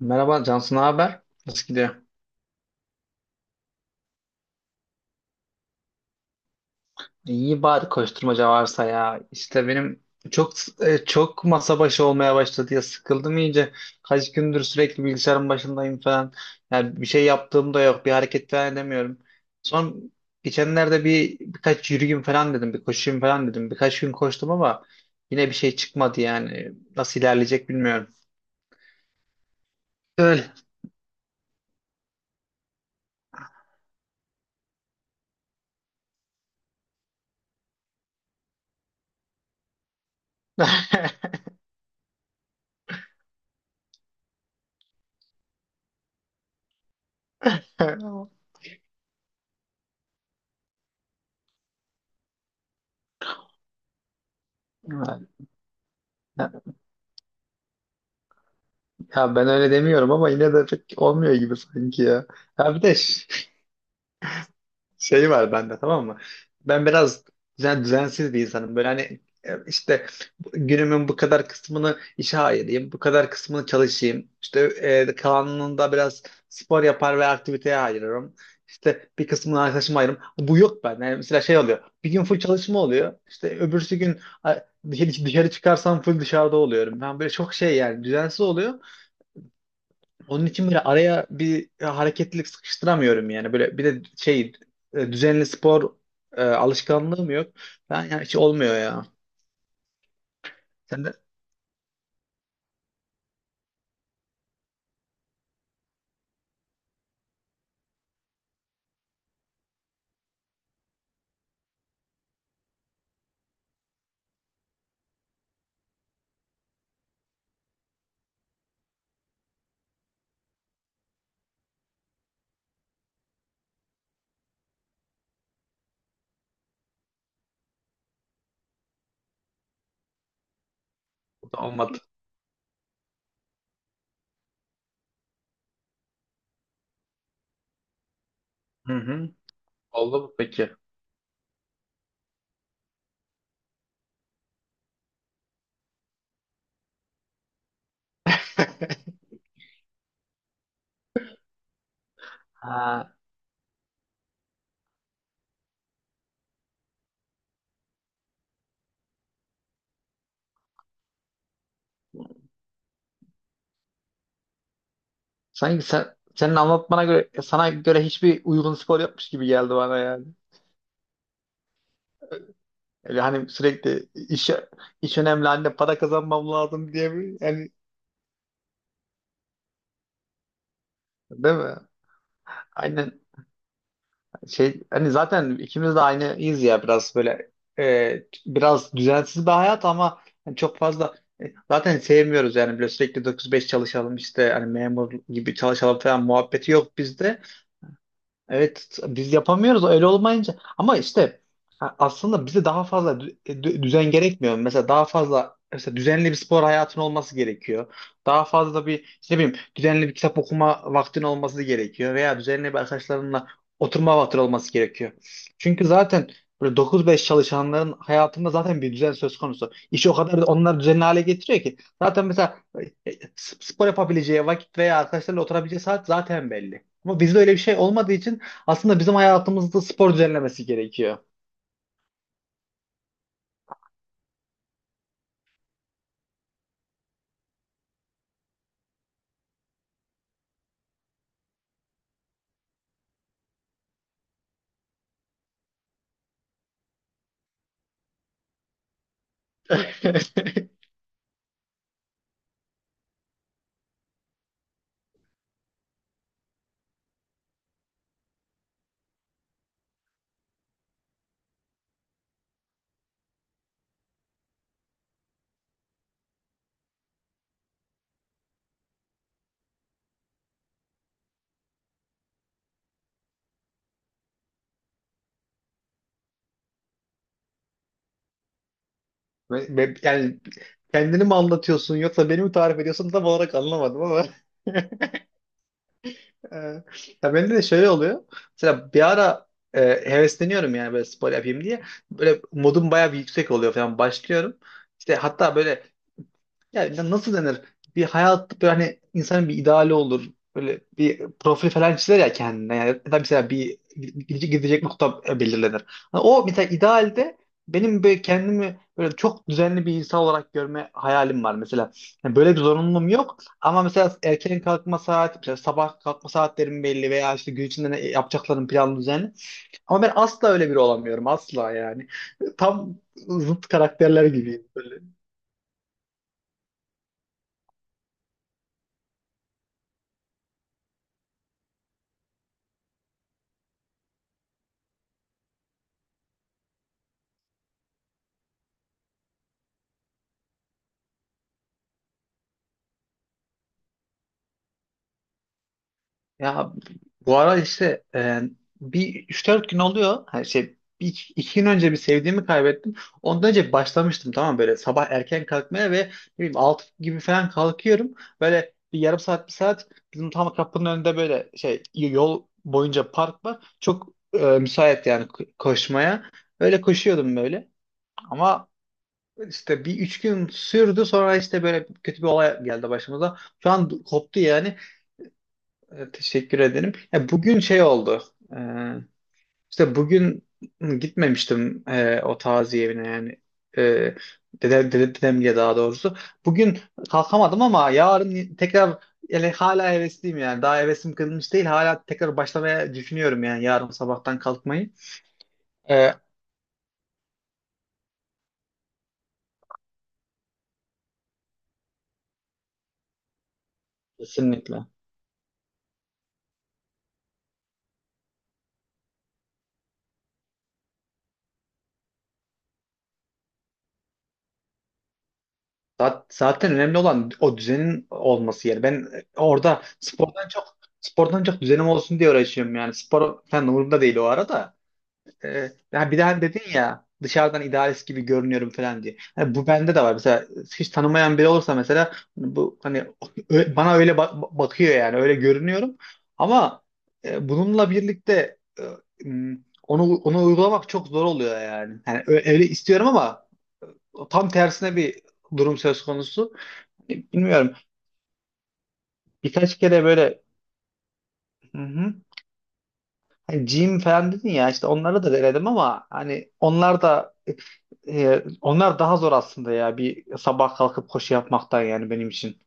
Merhaba Cansu, ne haber? Nasıl gidiyor? İyi bari koşturmaca varsa ya. İşte benim çok çok masa başı olmaya başladı ya, sıkıldım iyice. Kaç gündür sürekli bilgisayarın başındayım falan. Yani bir şey yaptığım da yok, bir hareket falan edemiyorum. Son geçenlerde birkaç yürüyeyim falan dedim, bir koşayım falan dedim. Birkaç gün koştum ama yine bir şey çıkmadı yani. Nasıl ilerleyecek bilmiyorum. Öyle. Evet. Ya ben öyle demiyorum ama yine de pek olmuyor gibi sanki ya. Ya bir de şey var bende, tamam mı? Ben biraz düzensiz bir insanım. Böyle hani işte günümün bu kadar kısmını işe ayırayım, bu kadar kısmını çalışayım. İşte kalanında biraz spor yapar ve aktiviteye ayırırım. İşte bir kısmını arkadaşıma ayırırım. Bu yok bende. Yani mesela şey oluyor. Bir gün full çalışma oluyor. İşte öbürsü gün dışarı dışarı çıkarsam full dışarıda oluyorum. Ben böyle çok şey yani düzensiz oluyor. Onun için böyle araya bir hareketlilik sıkıştıramıyorum yani. Böyle bir de şey düzenli spor alışkanlığım yok. Ben yani hiç olmuyor ya. Sen de. O da olmadı. Hı hı. Oldu mu peki? Ha, sanki senin anlatmana göre sana göre hiçbir uygun spor yapmış gibi geldi bana yani. Öyle hani sürekli iş iş önemli, anne para kazanmam lazım diye bir yani, değil mi? Aynen. Şey hani zaten ikimiz de aynıyız ya, biraz böyle biraz düzensiz bir hayat ama hani çok fazla e, zaten sevmiyoruz yani, böyle sürekli 9-5 çalışalım işte, hani memur gibi çalışalım falan muhabbeti yok bizde. Evet, biz yapamıyoruz öyle olmayınca, ama işte ha, aslında bize daha fazla düzen gerekmiyor. Mesela daha fazla mesela düzenli bir spor hayatın olması gerekiyor. Daha fazla bir işte ne bileyim düzenli bir kitap okuma vaktin olması gerekiyor veya düzenli bir arkadaşlarınla oturma vaktin olması gerekiyor. Çünkü zaten böyle 9-5 çalışanların hayatında zaten bir düzen söz konusu. İşi o kadar onlar düzenli hale getiriyor ki zaten mesela spor yapabileceği vakit veya arkadaşlarla oturabileceği saat zaten belli. Ama bizde öyle bir şey olmadığı için aslında bizim hayatımızda spor düzenlemesi gerekiyor. Yani kendini mi anlatıyorsun yoksa beni mi tarif ediyorsun, tam olarak anlamadım ama. Ee, Ya bende de şöyle oluyor. Mesela bir ara e, hevesleniyorum yani, böyle spor yapayım diye. Böyle modum bayağı bir yüksek oluyor falan, başlıyorum. İşte hatta böyle, yani nasıl denir? Bir hayat böyle, hani insanın bir ideali olur. Böyle bir profil falan çizer ya kendine. Yani ya da mesela bir gidecek nokta belirlenir. Hani o mesela idealde benim böyle kendimi böyle çok düzenli bir insan olarak görme hayalim var mesela. Yani böyle bir zorunluluğum yok ama mesela erken kalkma saat, mesela sabah kalkma saatlerim belli veya işte gün içinde ne yapacaklarım planlı, düzenli. Ama ben asla öyle biri olamıyorum, asla yani. Tam zıt karakterler gibiyim. Ya bu ara işte bir üç dört gün oluyor. Her şey bir, iki gün önce bir sevdiğimi kaybettim. Ondan önce başlamıştım, tamam mı? Böyle sabah erken kalkmaya ve ne bileyim 6 gibi falan kalkıyorum. Böyle bir yarım saat, bir saat, bizim tam kapının önünde böyle şey, yol boyunca park var. Çok müsait yani koşmaya. Öyle koşuyordum böyle. Ama işte bir üç gün sürdü, sonra işte böyle kötü bir olay geldi başımıza. Şu an koptu yani. Teşekkür ederim. Ya bugün şey oldu. E, işte bugün gitmemiştim o taziye evine yani. E, dedem diye, daha doğrusu. Bugün kalkamadım ama yarın tekrar, yani hala hevesliyim yani. Daha hevesim kırılmış değil. Hala tekrar başlamaya düşünüyorum yani, yarın sabahtan kalkmayı. E, kesinlikle. Zaten önemli olan o düzenin olması yani. Ben orada spordan çok düzenim olsun diye uğraşıyorum yani. Spor falan umurumda değil o arada. Ya bir de hani dedin ya dışarıdan idealist gibi görünüyorum falan diye. Hani bu bende de var. Mesela hiç tanımayan biri olursa mesela, hani bu hani bana öyle bakıyor yani, öyle görünüyorum. Ama bununla birlikte m, onu uygulamak çok zor oluyor yani. Yani öyle istiyorum ama tam tersine bir durum söz konusu. Hani bilmiyorum. Birkaç kere böyle hı hı. Hani gym falan dedin ya, işte onları da denedim ama hani onlar da onlar daha zor aslında ya, bir sabah kalkıp koşu yapmaktan, yani benim için.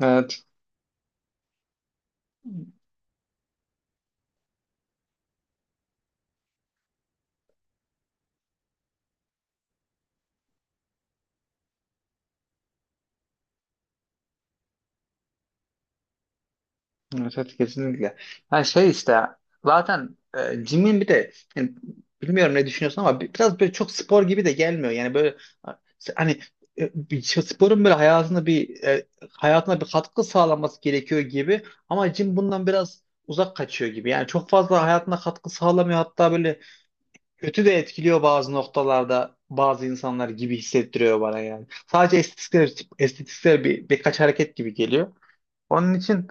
Evet. Evet, evet, kesinlikle. Yani şey, işte zaten gym'in bir de yani, bilmiyorum ne düşünüyorsun ama biraz böyle çok spor gibi de gelmiyor. Yani böyle hani bir şey- sporun böyle hayatına bir katkı sağlaması gerekiyor gibi, ama gym bundan biraz uzak kaçıyor gibi. Yani çok fazla hayatına katkı sağlamıyor. Hatta böyle kötü de etkiliyor bazı noktalarda, bazı insanlar gibi hissettiriyor bana yani. Sadece estetiksel birkaç hareket gibi geliyor. Onun için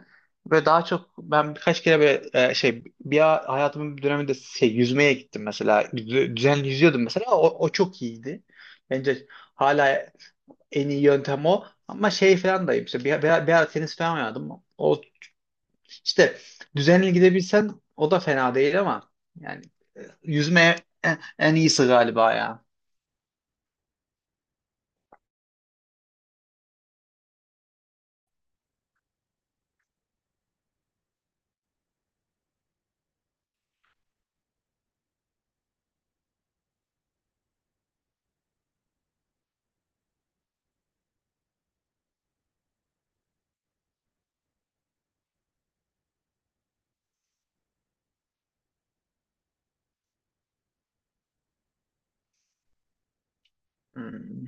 böyle daha çok, ben birkaç kere böyle şey, bir hayatımın bir döneminde şey, yüzmeye gittim mesela. Düzenli yüzüyordum mesela. O çok iyiydi. Bence hala en iyi yöntem o. Ama şey falan dayım, işte bir ara tenis falan oynadım. O işte düzenli gidebilsen o da fena değil ama yani yüzme en iyisi galiba ya. Hmm.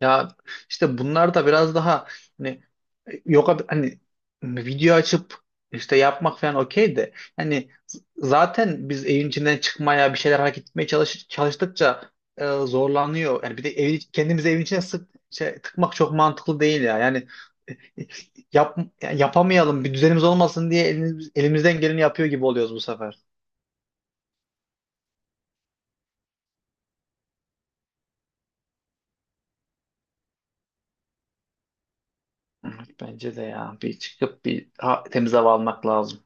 Ya işte bunlar da biraz daha hani, yok hani video açıp işte yapmak falan okey de, hani zaten biz evin içinden çıkmaya, bir şeyler hareket etmeye çalıştıkça zorlanıyor. Yani bir de kendimizi evin içine sık tıkmak çok mantıklı değil ya. Yani e, e, yani yapamayalım, bir düzenimiz olmasın diye elimizden geleni yapıyor gibi oluyoruz bu sefer. Evet, bence de ya, bir çıkıp bir temiz hava almak lazım.